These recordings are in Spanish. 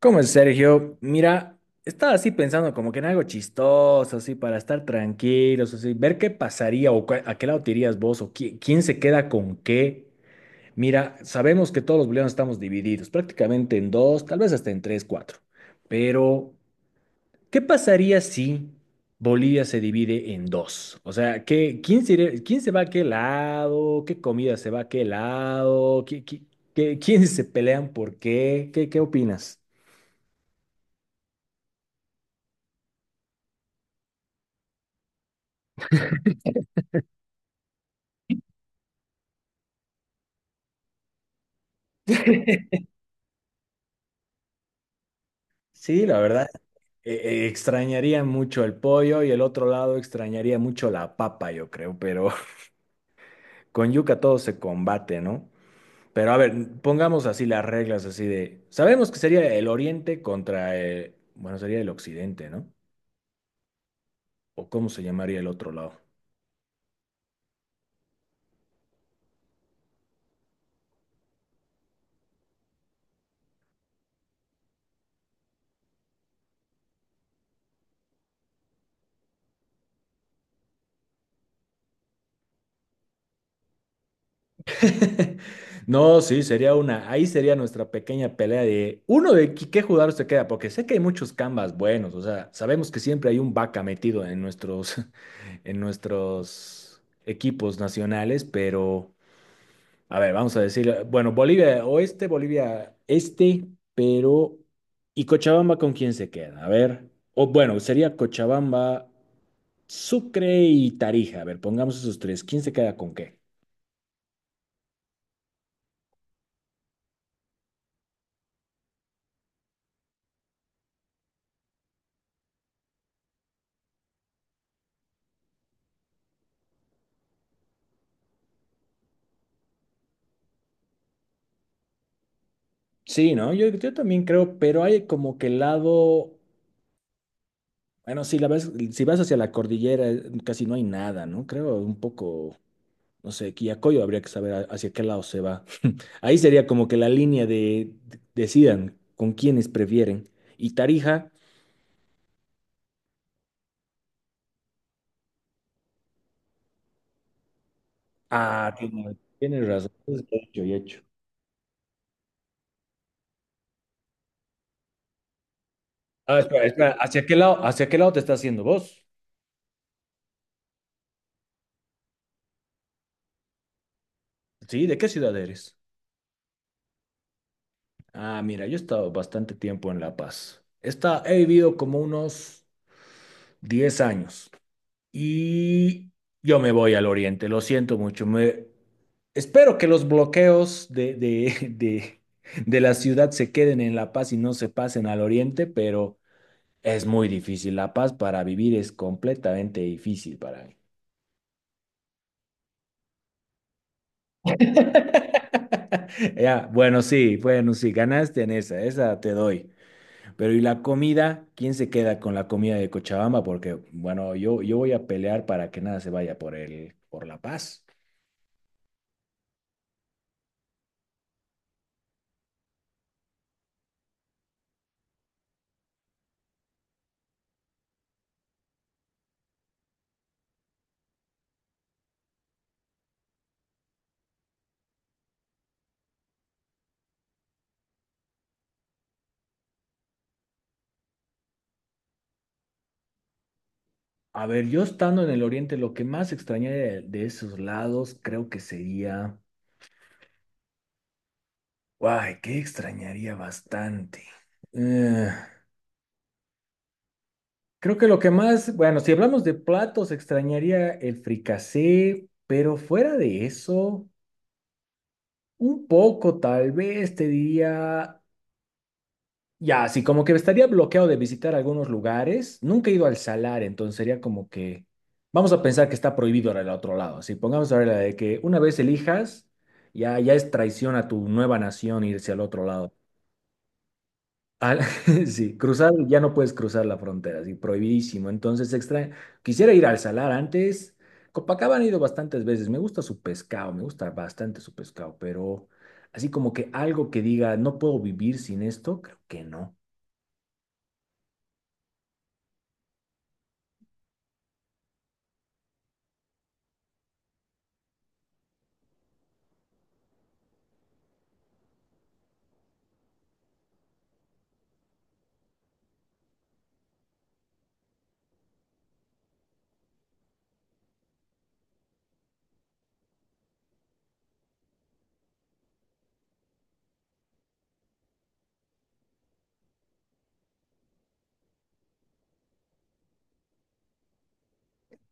¿Cómo es, Sergio? Mira, estaba así pensando como que en algo chistoso, así, para estar tranquilos, así, ver qué pasaría o a qué lado te irías vos o quién se queda con qué. Mira, sabemos que todos los bolivianos estamos divididos, prácticamente en dos, tal vez hasta en tres, cuatro. Pero, ¿qué pasaría si Bolivia se divide en dos? O sea, ¿qué, quién se, quién se va a qué lado? ¿Qué comida se va a qué lado? ¿ Quiénes se pelean por qué? ¿Qué, qué opinas? Sí, la verdad, eh, extrañaría mucho el pollo y el otro lado extrañaría mucho la papa, yo creo, pero con yuca todo se combate, ¿no? Pero a ver, pongamos así las reglas, así de, sabemos que sería el oriente contra, bueno, sería el occidente, ¿no? ¿O cómo se llamaría el otro lado? No, sí, sería una. Ahí sería nuestra pequeña pelea de uno de qué jugador se queda, porque sé que hay muchos Canvas buenos, o sea, sabemos que siempre hay un vaca metido en nuestros, en nuestros equipos nacionales, pero a ver, vamos a decir, bueno, Bolivia Oeste, Bolivia Este, pero ¿y Cochabamba con quién se queda? A ver, o bueno, sería Cochabamba, Sucre y Tarija. A ver, pongamos esos tres. ¿Quién se queda con qué? Sí, ¿no? Yo también creo, pero hay como que el lado, bueno, si la ves, si vas hacia la cordillera, casi no hay nada, ¿no? Creo un poco, no sé, Quillacollo habría que saber hacia qué lado se va. Ahí sería como que la línea de decidan con quiénes prefieren. Y Tarija, ah, tienes razón. Es hecho y hecho. Ah, espera, espera, hacia qué lado te estás haciendo vos? Sí, ¿de qué ciudad eres? Ah, mira, yo he estado bastante tiempo en La Paz. Está, he vivido como unos 10 años. Y yo me voy al oriente, lo siento mucho. Me... Espero que los bloqueos de la ciudad se queden en La Paz y no se pasen al oriente, pero es muy difícil. La Paz para vivir es completamente difícil para mí. Ya, bueno, sí, bueno, sí, ganaste en esa, esa te doy. Pero ¿y la comida? ¿Quién se queda con la comida de Cochabamba? Porque, bueno, yo voy a pelear para que nada se vaya por el, por La Paz. A ver, yo estando en el oriente, lo que más extrañaría de esos lados creo que sería... ¡Ay, qué extrañaría bastante! Eh, creo que lo que más... Bueno, si hablamos de platos, extrañaría el fricasé, pero fuera de eso, un poco tal vez te diría ya, así como que estaría bloqueado de visitar algunos lugares. Nunca he ido al salar, entonces sería como que. Vamos a pensar que está prohibido ahora el otro lado. Si pongamos ahora la de que una vez elijas, ya, ya es traición a tu nueva nación irse al otro lado. Al- sí, cruzar, ya no puedes cruzar la frontera, sí, prohibidísimo. Entonces, extra... quisiera ir al salar antes. Copacabana he ido bastantes veces. Me gusta su pescado, me gusta bastante su pescado, pero así como que algo que diga, no puedo vivir sin esto, creo que no.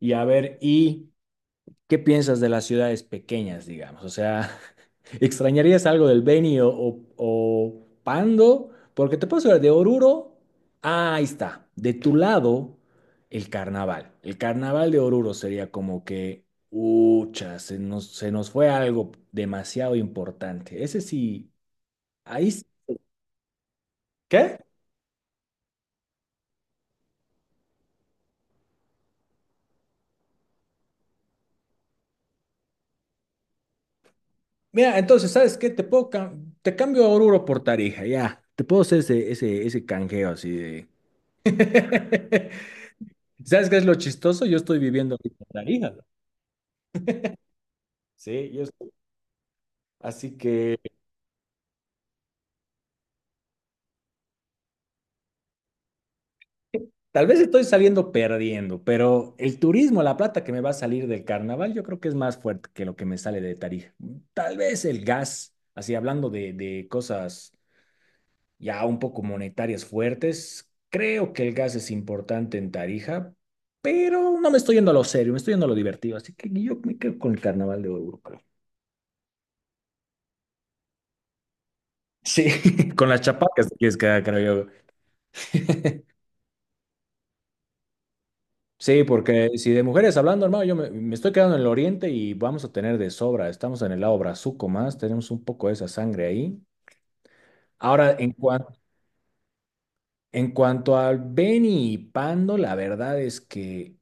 Y a ver, ¿y qué piensas de las ciudades pequeñas, digamos? O sea, ¿extrañarías algo del Beni o, o Pando? Porque te puedo hablar de Oruro. Ah, ahí está. De tu lado, el carnaval. El carnaval de Oruro sería como que, ucha, se nos fue algo demasiado importante. Ese sí, ahí sí. ¿Qué? Mira, entonces, ¿sabes qué? Te puedo te cambio a Oruro por Tarija, ya. Te puedo hacer ese, ese, ese canjeo así de... ¿Sabes qué es lo chistoso? Yo estoy viviendo ahorita en Tarija. Sí, yo estoy- Así que tal vez estoy saliendo perdiendo, pero el turismo, la plata que me va a salir del carnaval, yo creo que es más fuerte que lo que me sale de Tarija. Tal vez el gas, así hablando de cosas ya un poco monetarias fuertes, creo que el gas es importante en Tarija, pero no me estoy yendo a lo serio, me estoy yendo a lo divertido, así que yo me quedo con el carnaval de Oruro, creo. Sí, con las chapacas te quieres quedar, creo yo. Sí, porque si de mujeres hablando, hermano, yo me, me estoy quedando en el oriente y vamos a tener de sobra. Estamos en el lado brazuco más, tenemos un poco de esa sangre ahí. Ahora, en cuanto al Beni y Pando, la verdad es que,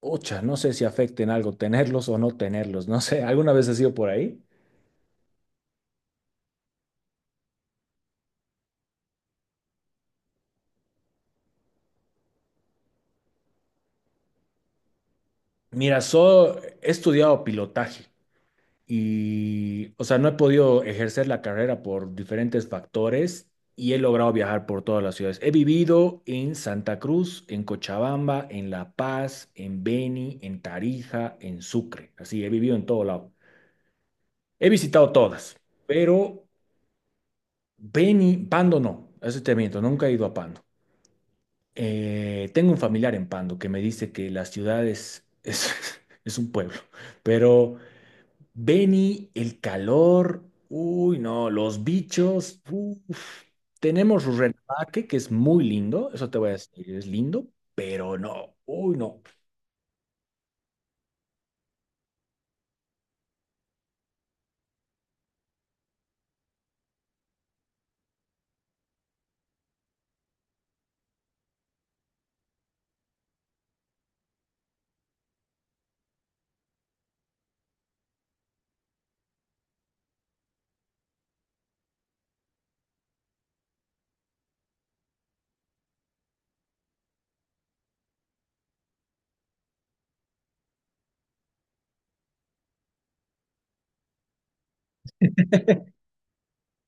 ocha, no sé si afecten algo tenerlos o no tenerlos, no sé, ¿alguna vez has sido por ahí? Mira, he estudiado pilotaje. Y, o sea, no he podido ejercer la carrera por diferentes factores y he logrado viajar por todas las ciudades. He vivido en Santa Cruz, en Cochabamba, en La Paz, en Beni, en Tarija, en Sucre. Así, he vivido en todo lado. He visitado todas, pero Beni, Pando no, eso te miento, nunca he ido a Pando. Tengo un familiar en Pando que me dice que las ciudades es, es un pueblo, pero... Benny, el calor, uy, no, los bichos, uf. Tenemos Rurrenabaque, que es muy lindo, eso te voy a decir, es lindo, pero no, uy, no.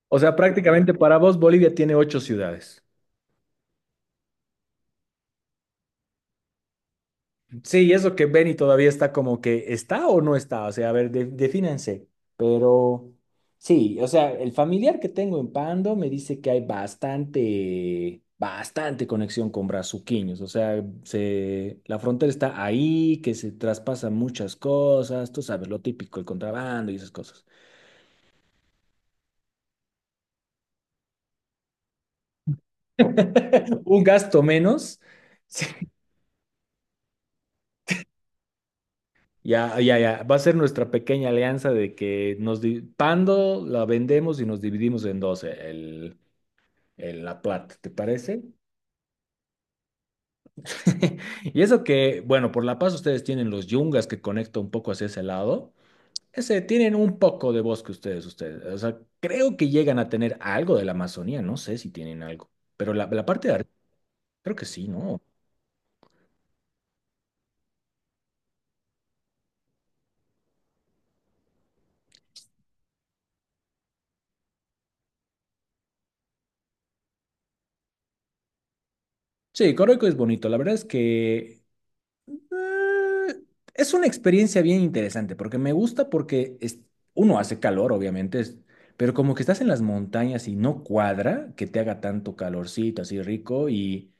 O sea, prácticamente para vos Bolivia tiene ocho ciudades. Sí, y eso que Benny todavía está como que está o no está, o sea, a ver, defínanse. Pero sí, o sea, el familiar que tengo en Pando me dice que hay bastante, bastante conexión con brazuquiños, o sea, se, la frontera está ahí, que se traspasan muchas cosas, tú sabes, lo típico, el contrabando y esas cosas. Un gasto menos. Sí. Ya, ya, ya. Va a ser nuestra pequeña alianza de que nos Pando la vendemos y nos dividimos en dos. El, en La Plata, ¿te parece? Y eso que, bueno, por La Paz ustedes tienen los yungas que conecta un poco hacia ese lado. Ese, tienen un poco de bosque ustedes. O sea, creo que llegan a tener algo de la Amazonía, no sé si tienen algo. Pero la parte de arriba, creo que sí, ¿no? Sí, Coroico es bonito. La verdad es que Eh, es una experiencia bien interesante porque me gusta porque uno hace calor, obviamente, pero como que estás en las montañas y no cuadra que te haga tanto calorcito así rico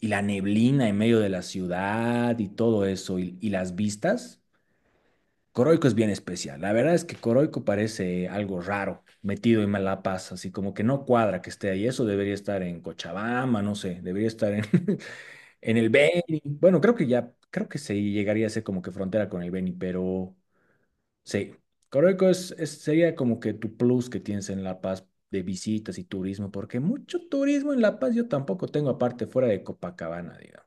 y la neblina en medio de la ciudad y todo eso y las vistas. Coroico es bien especial. La verdad es que Coroico parece algo raro, metido en La Paz, así como que no cuadra que esté ahí. Eso debería estar en Cochabamba, no sé, debería estar en, en el Beni, bueno, creo que ya, creo que se llegaría a ser como que frontera con el Beni, pero sí, Coroico es, sería como que tu plus que tienes en La Paz de visitas y turismo, porque mucho turismo en La Paz yo tampoco tengo aparte fuera de Copacabana, digamos.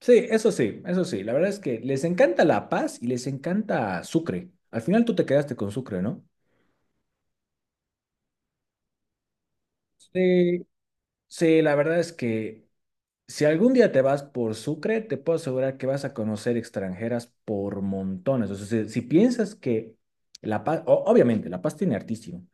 Sí, eso sí, eso sí, la verdad es que les encanta La Paz y les encanta Sucre. Al final tú te quedaste con Sucre, ¿no? Sí, sí, la verdad es que si algún día te vas por Sucre, te puedo asegurar que vas a conocer extranjeras por montones. O sea, si, si piensas que La Paz, obviamente, La Paz tiene artísimo,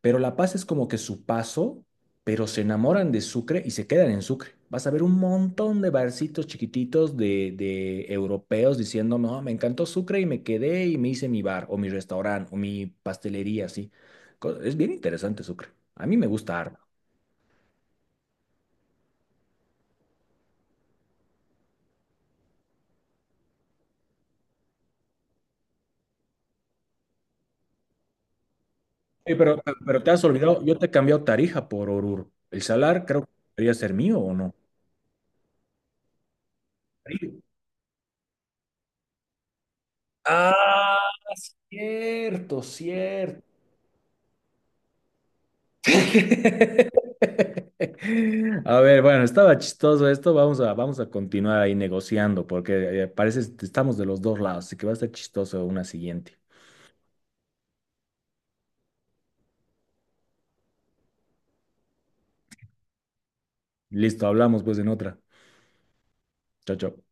pero La Paz es como que su paso, pero se enamoran de Sucre y se quedan en Sucre. Vas a ver un montón de barcitos chiquititos de europeos diciendo, no, me encantó Sucre y me quedé y me hice mi bar o mi restaurante o mi pastelería, así. Es bien interesante Sucre. A mí me gusta harto. Sí, pero te has olvidado, yo te he cambiado Tarija por Oruro. El salar creo que debería ser mío o no. Sí. Ah, cierto, cierto. A ver, bueno, estaba chistoso esto. Vamos a, vamos a continuar ahí negociando porque parece que estamos de los dos lados, así que va a estar chistoso una siguiente. Listo, hablamos pues en otra. Chao, chao.